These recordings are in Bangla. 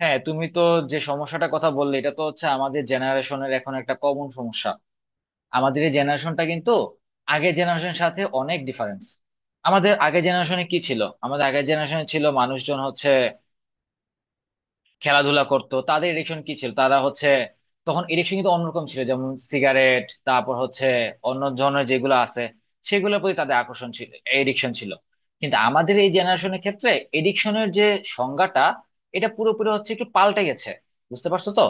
হ্যাঁ, তুমি তো যে সমস্যাটা কথা বললে, এটা তো হচ্ছে আমাদের জেনারেশনের এখন একটা কমন সমস্যা। আমাদের এই জেনারেশনটা কিন্তু আগের জেনারেশনের সাথে অনেক ডিফারেন্স। আমাদের আগের জেনারেশনে কি ছিল? আমাদের আগের জেনারেশনে ছিল মানুষজন হচ্ছে খেলাধুলা করতো। তাদের এডিকশন কি ছিল? তারা হচ্ছে, তখন এডিকশন কিন্তু অন্যরকম ছিল, যেমন সিগারেট, তারপর হচ্ছে অন্য ধরনের যেগুলো আছে, সেগুলোর প্রতি তাদের আকর্ষণ ছিল, এডিকশন ছিল। কিন্তু আমাদের এই জেনারেশনের ক্ষেত্রে এডিকশনের যে সংজ্ঞাটা, এটা পুরোপুরি হচ্ছে একটু পাল্টে গেছে। বুঝতে পারছো তো?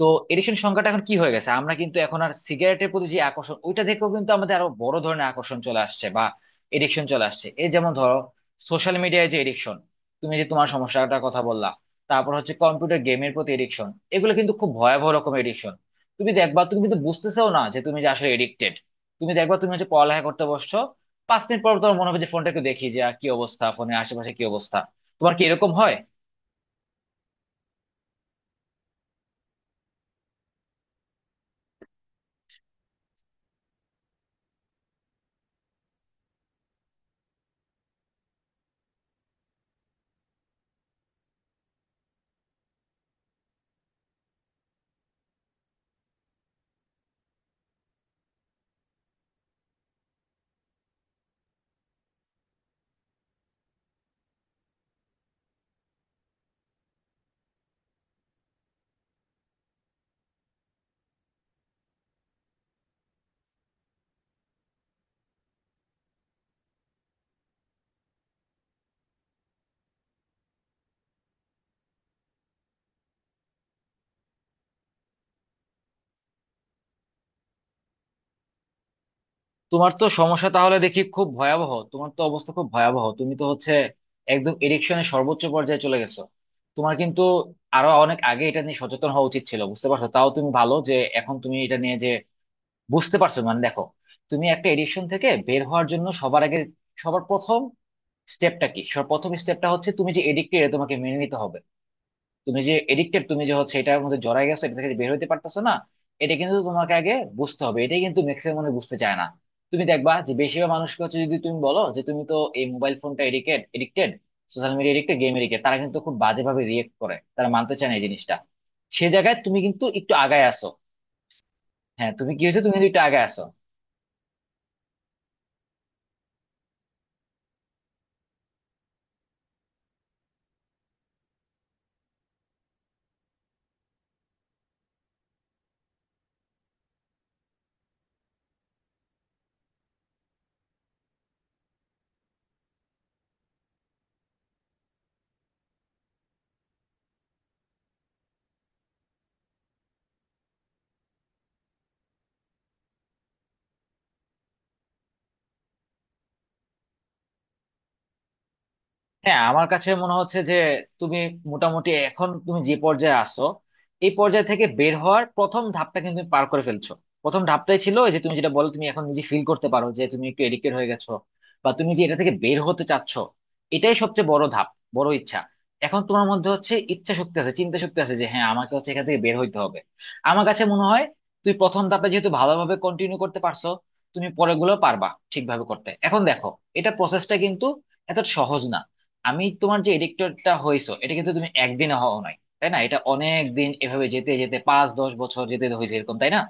তো এডিকশন সংজ্ঞাটা এখন কি হয়ে গেছে, আমরা কিন্তু এখন আর সিগারেটের প্রতি যে আকর্ষণ ওইটা দেখেও কিন্তু আমাদের আরো বড় ধরনের আকর্ষণ চলে আসছে, বা এডিকশন চলে আসছে। এই যেমন ধরো, সোশ্যাল মিডিয়ায় যে এডিকশন, তুমি যে তোমার সমস্যাটার কথা বললা, তারপর হচ্ছে কম্পিউটার গেমের প্রতি এডিকশন। এগুলো কিন্তু খুব ভয়াবহ রকমের এডিকশন। তুমি দেখবা তুমি কিন্তু বুঝতেছেও না যে তুমি যে আসলে এডিক্টেড। তুমি দেখবা তুমি হচ্ছে পড়ালেখা করতে বসছো, 5 মিনিট পর তোমার মনে হবে যে ফোনটা একটু দেখি যে কি অবস্থা, ফোনের আশেপাশে কি অবস্থা। তোমার কি এরকম হয়? তোমার তো সমস্যা তাহলে দেখি খুব ভয়াবহ, তোমার তো অবস্থা খুব ভয়াবহ। তুমি তো হচ্ছে একদম এডিকশনের সর্বোচ্চ পর্যায়ে চলে গেছো। তোমার কিন্তু আরো অনেক আগে এটা নিয়ে সচেতন হওয়া উচিত ছিল, বুঝতে পারছো? তাও তুমি ভালো যে এখন তুমি এটা নিয়ে যে বুঝতে পারছো। মানে দেখো, তুমি একটা এডিকশন থেকে বের হওয়ার জন্য সবার আগে, সবার প্রথম স্টেপটা কি? সবার প্রথম স্টেপটা হচ্ছে তুমি যে এডিক্টেড তোমাকে মেনে নিতে হবে। তুমি যে এডিক্টেড, তুমি যে হচ্ছে এটার মধ্যে জড়াই গেছো, এটা থেকে যে বের হতে পারতেছো না, এটা কিন্তু তোমাকে আগে বুঝতে হবে। এটাই কিন্তু ম্যাক্সিমাম মানুষ বুঝতে চায় না। তুমি দেখবা যে বেশিরভাগ মানুষকে হচ্ছে, যদি তুমি বলো যে তুমি তো এই মোবাইল ফোনটা addicted, addicted social media, addicted game addicted, তারা কিন্তু খুব বাজেভাবে রিয়েক্ট করে, তারা মানতে চায় না এই জিনিসটা। সে জায়গায় তুমি কিন্তু একটু আগায় আসো। হ্যাঁ, তুমি কি হয়েছে, তুমি কিন্তু একটু আগায় আসো। হ্যাঁ, আমার কাছে মনে হচ্ছে যে তুমি মোটামুটি এখন তুমি যে পর্যায়ে আসো, এই পর্যায় থেকে বের হওয়ার প্রথম ধাপটা কিন্তু তুমি পার করে ফেলছো। প্রথম ধাপটাই ছিল ওই যে তুমি যেটা বলো, তুমি এখন নিজে ফিল করতে পারো যে তুমি একটু এডিক্টেড হয়ে গেছো, বা তুমি যে এটা থেকে বের হতে চাচ্ছো, এটাই সবচেয়ে বড় ধাপ, বড় ইচ্ছা। এখন তোমার মধ্যে হচ্ছে ইচ্ছা শক্তি আছে, চিন্তা শক্তি আছে যে হ্যাঁ, আমাকে হচ্ছে এখান থেকে বের হইতে হবে। আমার কাছে মনে হয়, তুই প্রথম ধাপটা যেহেতু ভালোভাবে কন্টিনিউ করতে পারছো, তুমি পরেগুলো পারবা ঠিকভাবে করতে। এখন দেখো, এটা প্রসেসটা কিন্তু এত সহজ না। আমি তোমার যে এডিক্টরটা হয়েছো এটা কিন্তু তুমি একদিনে হও নাই, তাই না? এটা অনেক দিন এভাবে যেতে যেতে 5-10 বছর যেতে হয়েছে এরকম, তাই না?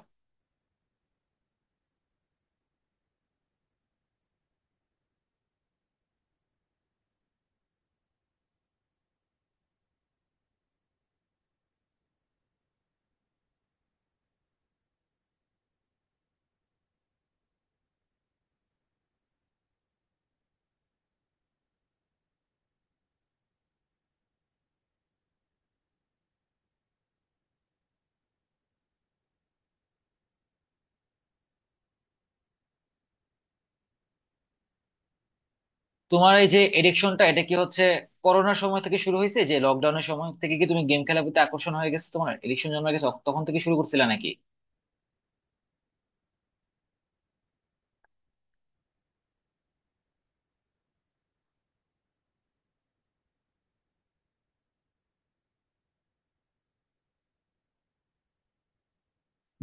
তোমার এই যে এডিকশনটা, এটা কি হচ্ছে করোনার সময় থেকে শুরু হয়েছে, যে লকডাউনের সময় থেকে কি তুমি গেম খেলার প্রতি আকর্ষণ হয়ে গেছে, তোমার এডিকশন জন্ম গেছে তখন থেকে শুরু করছিলে নাকি?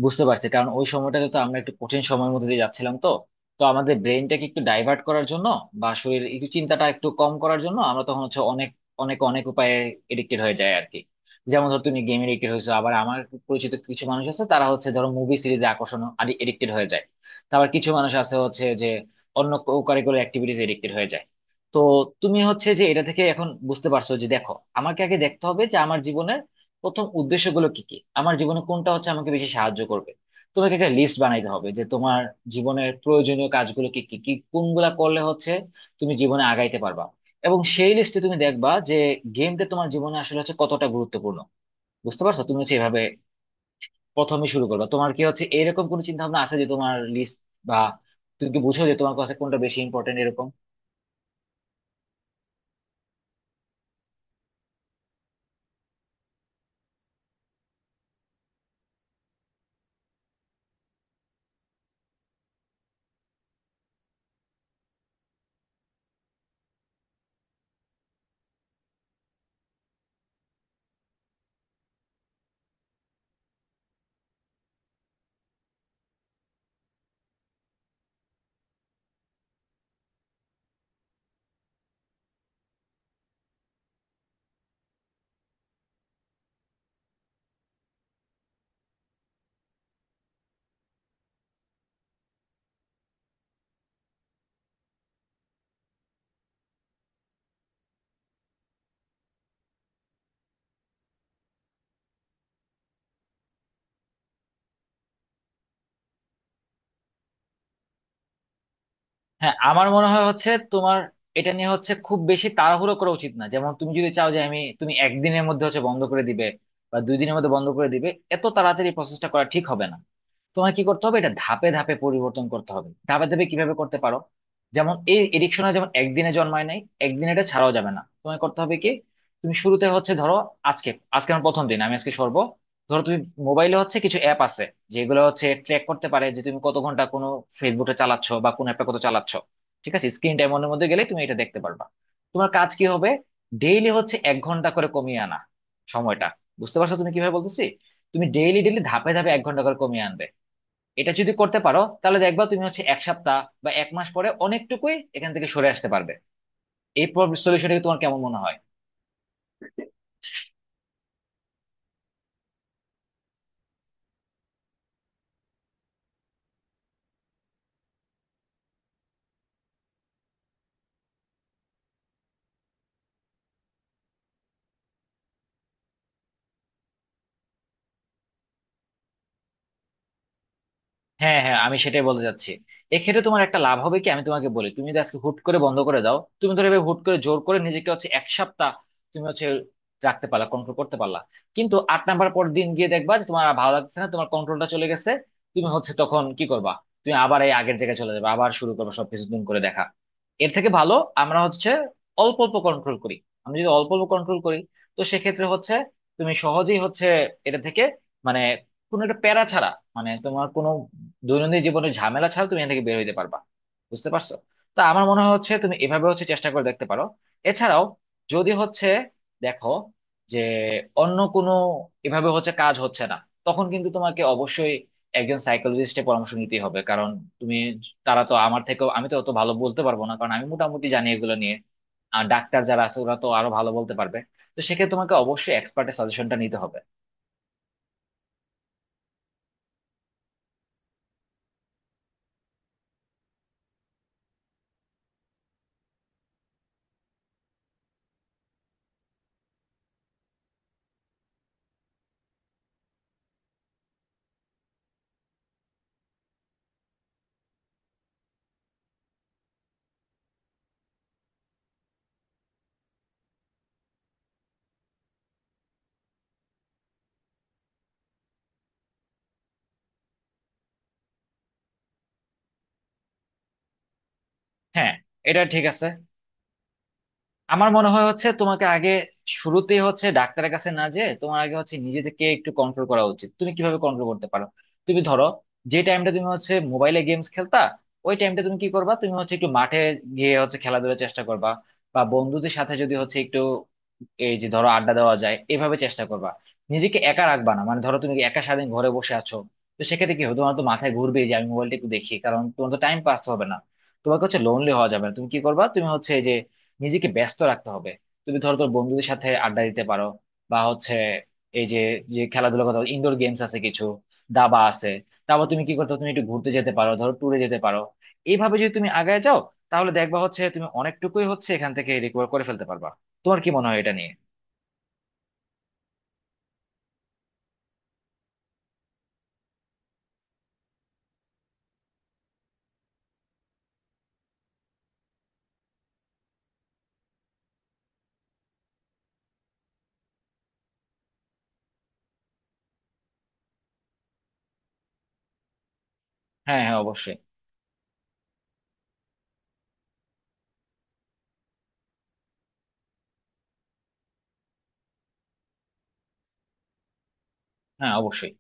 বুঝতে পারছি, কারণ ওই সময়টাতে তো আমরা একটু কঠিন সময়ের মধ্যে দিয়ে যাচ্ছিলাম, তো তো আমাদের ব্রেনটাকে একটু ডাইভার্ট করার জন্য বা শরীর একটু চিন্তাটা একটু কম করার জন্য আমরা তখন হচ্ছে অনেক অনেক অনেক উপায়ে এডিক্টেড হয়ে যায় আর কি। যেমন ধর তুমি গেম এডিক্টেড হয়েছো, আবার আমার পরিচিত কিছু মানুষ আছে, তারা হচ্ছে ধরো মুভি সিরিজে আকর্ষণ এডিক্টেড হয়ে যায়। তারপর কিছু মানুষ আছে হচ্ছে যে অন্য কারিকুলার অ্যাক্টিভিটিস এডিক্টেড হয়ে যায়। তো তুমি হচ্ছে যে এটা থেকে এখন বুঝতে পারছো যে দেখো, আমাকে আগে দেখতে হবে যে আমার জীবনের প্রথম উদ্দেশ্যগুলো কি কি, আমার জীবনে কোনটা হচ্ছে আমাকে বেশি সাহায্য করবে। তোমাকে একটা লিস্ট বানাইতে হবে যে তোমার জীবনের প্রয়োজনীয় কাজগুলো কি কি কি, কোনগুলা করলে হচ্ছে তুমি জীবনে আগাইতে পারবা। এবং সেই লিস্টে তুমি দেখবা যে গেমটা তোমার জীবনে আসলে হচ্ছে কতটা গুরুত্বপূর্ণ। বুঝতে পারছো? তুমি হচ্ছে এভাবে প্রথমে শুরু করবা। তোমার কি হচ্ছে এরকম কোনো চিন্তা ভাবনা আছে যে তোমার লিস্ট, বা তুমি কি বুঝো যে তোমার কাছে কোনটা বেশি ইম্পর্টেন্ট এরকম? হ্যাঁ, আমার মনে হয় হচ্ছে তোমার এটা নিয়ে হচ্ছে খুব বেশি তাড়াহুড়ো করা উচিত না। যেমন তুমি যদি চাও যে আমি তুমি একদিনের মধ্যে হচ্ছে বন্ধ করে দিবে বা 2 দিনের মধ্যে বন্ধ করে দিবে, এত তাড়াতাড়ি প্রসেসটা করা ঠিক হবে না। তোমার কি করতে হবে, এটা ধাপে ধাপে পরিবর্তন করতে হবে। ধাপে ধাপে কিভাবে করতে পারো, যেমন এই এডিকশনে যেমন একদিনে জন্মায় নাই, একদিনে এটা ছাড়াও যাবে না। তোমায় করতে হবে কি, তুমি শুরুতে হচ্ছে ধরো আজকে আজকে আমার প্রথম দিন, আমি আজকে সরবো। ধরো তুমি মোবাইলে হচ্ছে কিছু অ্যাপ আছে যেগুলো হচ্ছে ট্র্যাক করতে পারে যে তুমি কত ঘন্টা কোনো ফেসবুকে চালাচ্ছ, বা কোন অ্যাপটা কত চালাচ্ছ। ঠিক আছে, স্ক্রিন টাইম এর মধ্যে গেলে তুমি এটা দেখতে পারবা। তোমার কাজ কি হবে, ডেইলি হচ্ছে 1 ঘন্টা করে কমিয়ে আনা সময়টা। বুঝতে পারছো তুমি কিভাবে বলতেছি? তুমি ডেইলি ডেইলি ধাপে ধাপে 1 ঘন্টা করে কমিয়ে আনবে। এটা যদি করতে পারো তাহলে দেখবা তুমি হচ্ছে 1 সপ্তাহ বা 1 মাস পরে অনেকটুকুই এখান থেকে সরে আসতে পারবে। এই সলিউশনটা তোমার কেমন মনে হয়? হ্যাঁ, হ্যাঁ, আমি সেটাই বলতে চাচ্ছি। এক্ষেত্রে তোমার একটা লাভ হবে কি, আমি তোমাকে বলি, তুমি যদি আজকে হুট করে বন্ধ করে দাও, তুমি ধরো এভাবে হুট করে জোর করে নিজেকে হচ্ছে 1 সপ্তাহ তুমি হচ্ছে রাখতে পারলা, কন্ট্রোল করতে পারলা, কিন্তু 8 নাম্বার পর দিন গিয়ে দেখবা যে তোমার আর ভালো লাগছে না, তোমার কন্ট্রোলটা চলে গেছে। তুমি হচ্ছে তখন কি করবা, তুমি আবার এই আগের জায়গায় চলে যাবে, আবার শুরু করবে সবকিছু নতুন করে দেখা। এর থেকে ভালো আমরা হচ্ছে অল্প অল্প কন্ট্রোল করি। আমি যদি অল্প অল্প কন্ট্রোল করি, তো সেক্ষেত্রে হচ্ছে তুমি সহজেই হচ্ছে এটা থেকে, মানে কোনো একটা প্যারা ছাড়া, মানে তোমার কোনো দৈনন্দিন জীবনের ঝামেলা ছাড়া তুমি এখান থেকে বের হইতে পারবা। বুঝতে পারছো? তা আমার মনে হয় হচ্ছে তুমি এভাবে হচ্ছে চেষ্টা করে দেখতে পারো। এছাড়াও যদি হচ্ছে দেখো যে অন্য কোনো, এভাবে হচ্ছে কাজ হচ্ছে না, তখন কিন্তু তোমাকে অবশ্যই একজন সাইকোলজিস্টের পরামর্শ নিতেই হবে। কারণ তুমি, তারা তো আমার থেকেও, আমি তো অত ভালো বলতে পারবো না, কারণ আমি মোটামুটি জানি এগুলো নিয়ে। আর ডাক্তার যারা আছে ওরা তো আরো ভালো বলতে পারবে। তো সেক্ষেত্রে তোমাকে অবশ্যই এক্সপার্টের সাজেশনটা নিতে হবে। হ্যাঁ, এটা ঠিক আছে। আমার মনে হয় হচ্ছে তোমাকে আগে, শুরুতেই হচ্ছে ডাক্তারের কাছে না যেয়ে তোমার আগে হচ্ছে নিজেকে একটু কন্ট্রোল করা উচিত। তুমি কিভাবে কন্ট্রোল করতে পারো, তুমি ধরো যে টাইমটা তুমি হচ্ছে মোবাইলে গেমস খেলতা, ওই টাইমটা তুমি কি করবা, তুমি হচ্ছে একটু মাঠে গিয়ে হচ্ছে খেলাধুলার চেষ্টা করবা, বা বন্ধুদের সাথে যদি হচ্ছে একটু এই যে ধরো আড্ডা দেওয়া যায়, এভাবে চেষ্টা করবা। নিজেকে একা রাখবা না, মানে ধরো তুমি একা সারাদিন ঘরে বসে আছো, তো সেক্ষেত্রে কি হবে, তোমার তো মাথায় ঘুরবে যে আমি মোবাইলটা একটু দেখি, কারণ তোমার তো টাইম পাস হবে না। তোমাকে হচ্ছে লোনলি হওয়া যাবে না। তুমি কি করবা, তুমি হচ্ছে এই যে নিজেকে ব্যস্ত রাখতে হবে। তুমি ধরো তোর বন্ধুদের সাথে আড্ডা দিতে পারো, বা হচ্ছে এই যে, যে খেলাধুলা কথা ইনডোর গেমস আছে কিছু, দাবা আছে। তারপর তুমি কি করতে পারো? তুমি একটু ঘুরতে যেতে পারো, ধরো ট্যুরে যেতে পারো। এইভাবে যদি তুমি আগায় যাও, তাহলে দেখবা হচ্ছে তুমি অনেকটুকুই হচ্ছে এখান থেকে রিকভার করে ফেলতে পারবা। তোমার কি মনে হয় এটা নিয়ে? হ্যাঁ, হ্যাঁ, অবশ্যই। হ্যাঁ, অবশ্যই।